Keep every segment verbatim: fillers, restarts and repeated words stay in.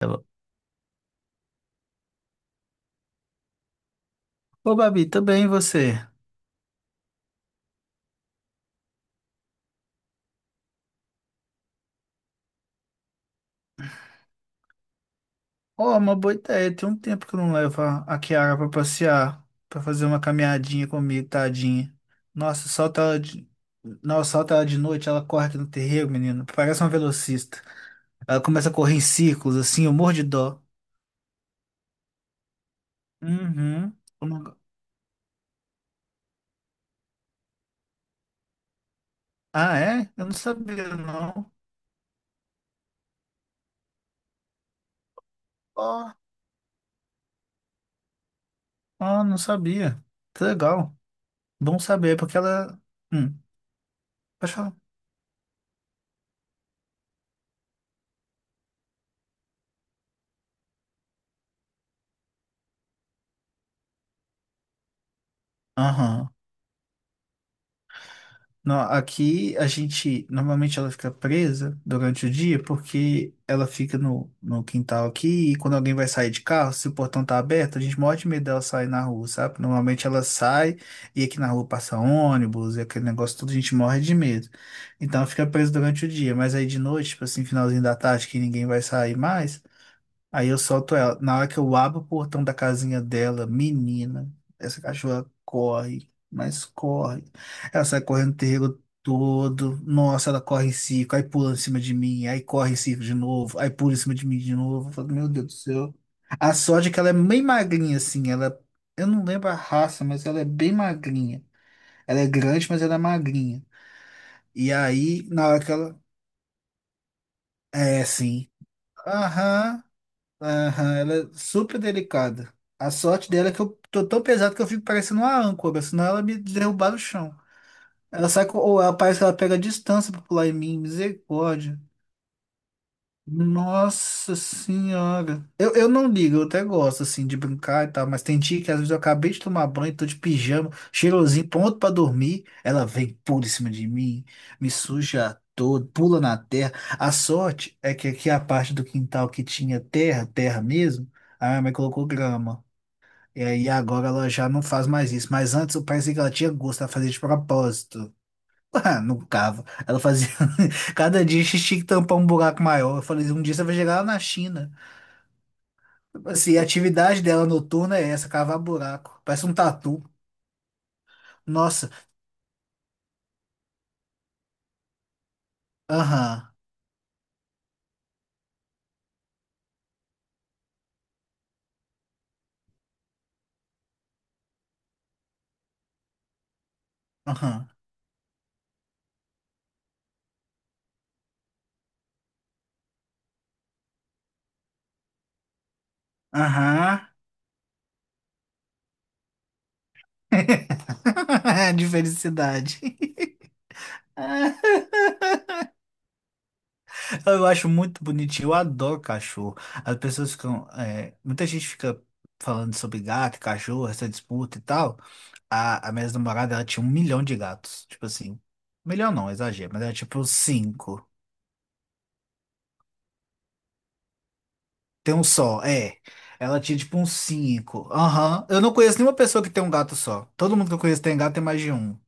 Ela. Ô, Babi, tudo bem você? Ó, uma boa ideia. Tem um tempo que eu não levo a, a Kiara pra passear, pra fazer uma caminhadinha comigo, tadinha. Nossa, solta ela de... Nossa, solta ela de noite, ela corre aqui no terreiro, menino. Parece uma velocista. Ela começa a correr em círculos, assim, eu morro de dó. Uhum. Eu não- Ah, é? Eu não sabia, não. Ó, ó, não sabia. Que legal. Bom saber, porque ela... Hum, pode falar. Aham. Não, aqui a gente, normalmente ela fica presa durante o dia porque ela fica no, no quintal aqui e quando alguém vai sair de carro, se o portão tá aberto, a gente morre de medo dela sair na rua, sabe? Normalmente ela sai e aqui na rua passa ônibus e aquele negócio todo, a gente morre de medo. Então ela fica presa durante o dia, mas aí de noite, tipo assim, finalzinho da tarde que ninguém vai sair mais, aí eu solto ela. Na hora que eu abro o portão da casinha dela, menina, essa cachorra corre, mas corre. Ela sai correndo o terreiro todo. Nossa, ela corre em circo, aí pula em cima de mim, aí corre em circo de novo, aí pula em cima de mim de novo. Eu falo, meu Deus do céu. A sorte é que ela é bem magrinha, assim. Ela, eu não lembro a raça, mas ela é bem magrinha. Ela é grande, mas ela é magrinha. E aí, na hora que ela. É, sim. Aham. Aham, ela é super delicada. A sorte dela é que eu tô tão pesado que eu fico parecendo uma âncora, senão ela me derrubar no chão. Ela sai com, ou ela parece que ela pega a distância pra pular em mim, misericórdia. Nossa senhora. Eu, eu não ligo, eu até gosto assim de brincar e tal, mas tem dia que às vezes eu acabei de tomar banho, tô de pijama, cheirosinho, pronto pra dormir. Ela vem pula em cima de mim, me suja todo, pula na terra. A sorte é que aqui é a parte do quintal que tinha terra, terra mesmo, a minha mãe colocou grama. E aí agora ela já não faz mais isso, mas antes eu parecia que ela tinha gosto, ela fazia de propósito. Ah, não cava. Ela fazia. Cada dia a gente tinha que tampar um buraco maior. Eu falei, um dia você vai chegar lá na China. Tipo assim, a atividade dela noturna é essa, cavar buraco. Parece um tatu. Nossa. Aham. Aham. Aham. De felicidade. Eu acho muito bonitinho. Eu adoro cachorro. As pessoas ficam. É, muita gente fica falando sobre gato, cachorro, essa disputa e tal. A, a minha namorada, ela tinha um milhão de gatos. Tipo assim, milhão não, exagero, mas era tipo uns cinco. Tem um só, é. Ela tinha tipo uns cinco. Aham. Eu não conheço nenhuma pessoa que tem um gato só. Todo mundo que eu conheço tem gato tem mais de um.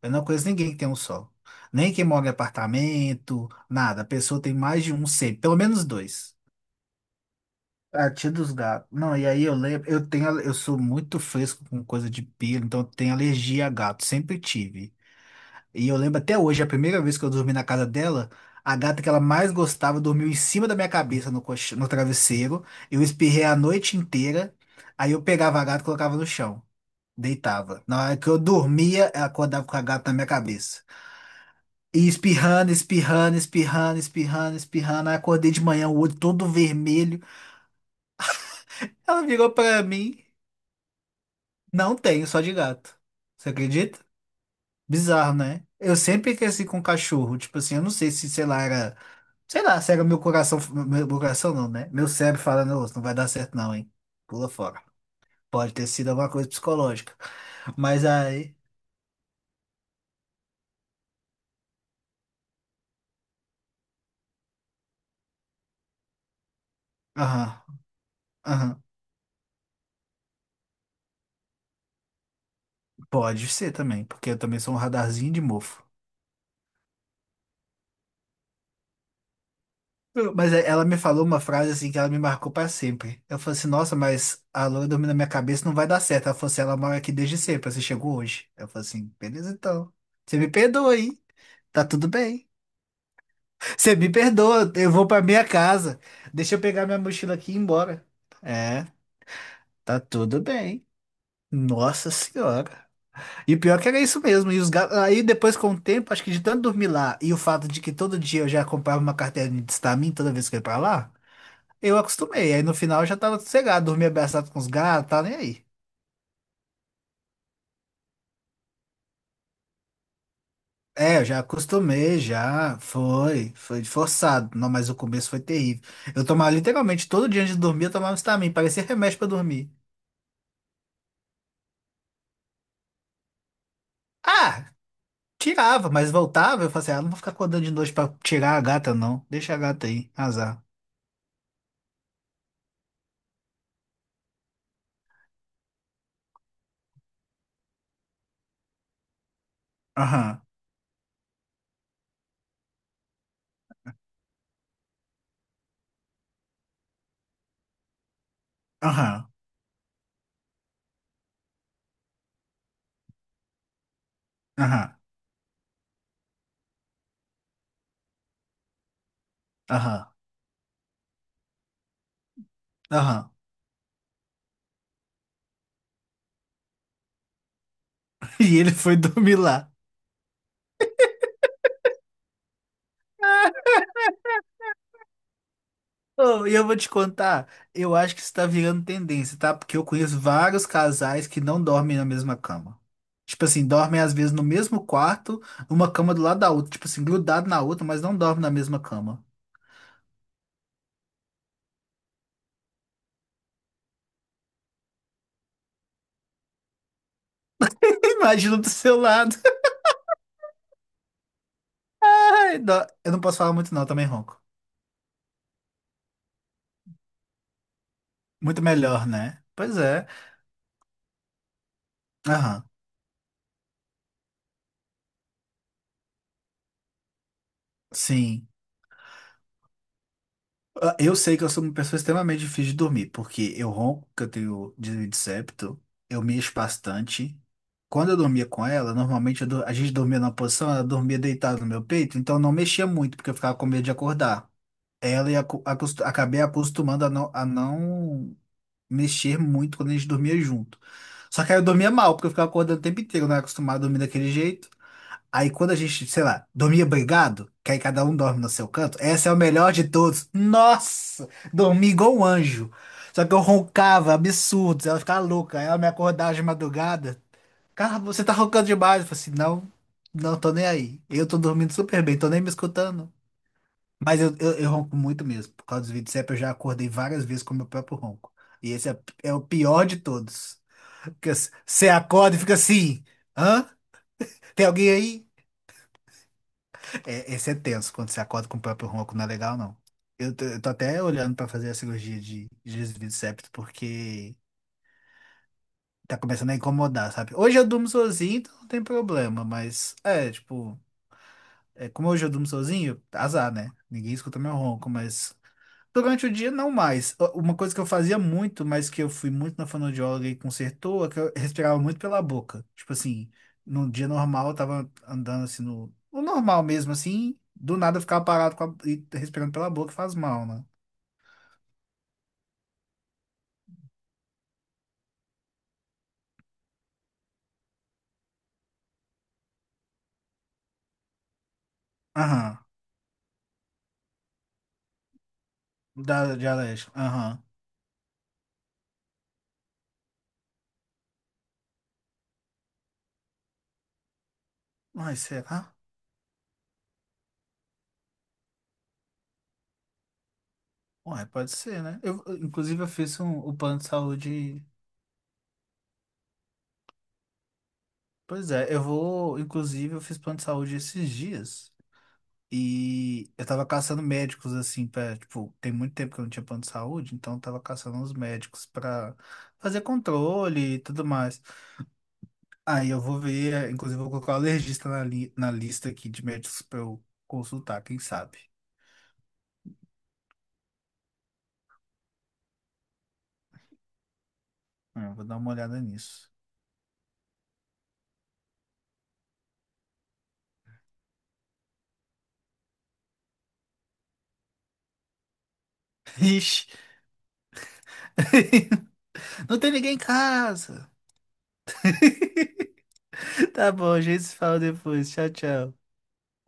Eu não conheço ninguém que tem um só. Nem quem mora em apartamento, nada. A pessoa tem mais de um sempre, pelo menos dois. A tia dos gatos. Não, e aí eu lembro, eu tenho, eu sou muito fresco com coisa de pelo, então eu tenho alergia a gato, sempre tive. E eu lembro até hoje, a primeira vez que eu dormi na casa dela, a gata que ela mais gostava dormiu em cima da minha cabeça no, colch- no travesseiro. Eu espirrei a noite inteira. Aí eu pegava a gata e colocava no chão. Deitava. Na hora que eu dormia, ela acordava com a gata na minha cabeça. E espirrando, espirrando, espirrando, espirrando, espirrando. Aí acordei de manhã, o olho todo vermelho. Ela virou pra mim. Não tenho, só de gato. Você acredita? Bizarro, né? Eu sempre cresci com cachorro. Tipo assim, eu não sei se, sei lá, era. Sei lá, cega meu coração, meu, meu coração não, né? Meu cérebro falando, "Ô, não vai dar certo não, hein? Pula fora. Pode ter sido alguma coisa psicológica. Mas aí, aham, aham, pode ser também, porque eu também sou um radarzinho de mofo. Mas é- ela me falou uma frase assim que ela me marcou pra sempre. Eu falei assim, nossa, mas a loira dormiu na minha cabeça, não vai dar certo. Ela falou assim, ela mora aqui desde sempre, você chegou hoje. Eu falei assim, beleza então. Você me perdoa, hein? Tá tudo bem. Você me perdoa, eu vou pra minha casa. Deixa eu pegar minha mochila aqui e ir embora. É, tá tudo bem. Nossa senhora. E o pior que era isso mesmo. E os ga- Aí depois, com o tempo, acho que de tanto dormir lá e o fato de que todo dia eu já comprava uma cartelinha de Stamin toda vez que eu ia pra lá, eu acostumei. Aí no final eu já tava sossegado, dormia abraçado com os gatos, tá nem aí. É, eu já acostumei, já. Foi, foi forçado. Não, mas o começo foi terrível. Eu tomava literalmente todo dia antes de dormir, eu tomava Stamin, parecia remédio pra dormir. Ah! Tirava, mas voltava. Eu falei assim, ah, não vou ficar acordando de noite pra tirar a gata, não. Deixa a gata aí, azar. Aham, aham, aham, aham, aham. E ele foi dormir lá. Oh, e eu vou te contar, eu acho que isso tá virando tendência, tá? Porque eu conheço vários casais que não dormem na mesma cama. Tipo assim, dormem às vezes no mesmo quarto, uma cama do lado da outra, tipo assim, grudado na outra, mas não dormem na mesma cama. Imagina do seu lado. Ai, dó. Eu não posso falar muito não, eu também ronco. Muito melhor, né? Pois é. Aham. Sim. Ah, eu sei que eu sou uma pessoa extremamente difícil de dormir, porque eu ronco, que eu tenho desvio de septo, eu mexo bastante. Quando eu dormia com ela, normalmente eu dor- a gente dormia numa posição, ela dormia deitada no meu peito, então eu não mexia muito, porque eu ficava com medo de acordar. Ela e acu- acostu- acabei acostumando a não, a não mexer muito quando a gente dormia junto. Só que aí eu dormia mal, porque eu ficava acordando o tempo inteiro, eu não era acostumado a dormir daquele jeito. Aí quando a gente, sei lá, dormia brigado, que aí cada um dorme no seu canto, essa é o melhor de todos. Nossa, dormi igual um anjo. Só que eu roncava, absurdos, ela ficava louca. Aí ela me acordava de madrugada. Cara, você tá roncando demais. Eu falei assim, não, não tô nem aí. Eu tô dormindo super bem, tô nem me escutando. Mas eu, eu, eu ronco muito mesmo. Por causa dos vídeos eu já acordei várias vezes com o meu próprio ronco. E esse é, é o pior de todos. Porque você acorda e fica assim, hã? Tem alguém aí? É, esse é tenso, quando você acorda com o próprio ronco, não é legal, não. Eu tô, eu tô até olhando pra fazer a cirurgia de, de desvio de septo, porque tá começando a incomodar, sabe? Hoje eu durmo sozinho, então não tem problema, mas é, tipo, é, como hoje eu durmo sozinho, azar, né? Ninguém escuta meu ronco, mas durante o dia, não mais. U- Uma coisa que eu fazia muito, mas que eu fui muito na fonoaudióloga e consertou, é que eu respirava muito pela boca. Tipo assim, num dia normal, eu tava andando assim no, no normal mesmo, assim, do nada eu ficava parado com a- e respirando pela boca faz mal, né? Aham. Da, de alérgico. Aham. Uai, será? Uai, pode ser, né? Eu, eu, inclusive, eu fiz um, o plano de saúde. Pois é, eu vou. Inclusive, eu fiz plano de saúde esses dias. E eu tava caçando médicos, assim, pra, tipo, tem muito tempo que eu não tinha plano de saúde, então eu tava caçando uns médicos pra fazer controle e tudo mais. Aí eu vou ver, eh, inclusive eu vou colocar o alergista na, li na lista aqui de médicos pra eu consultar, quem sabe? Hum, Eu vou dar uma olhada nisso. Ixi. Não tem ninguém em casa! Tá bom, a gente se fala depois. Tchau, tchau.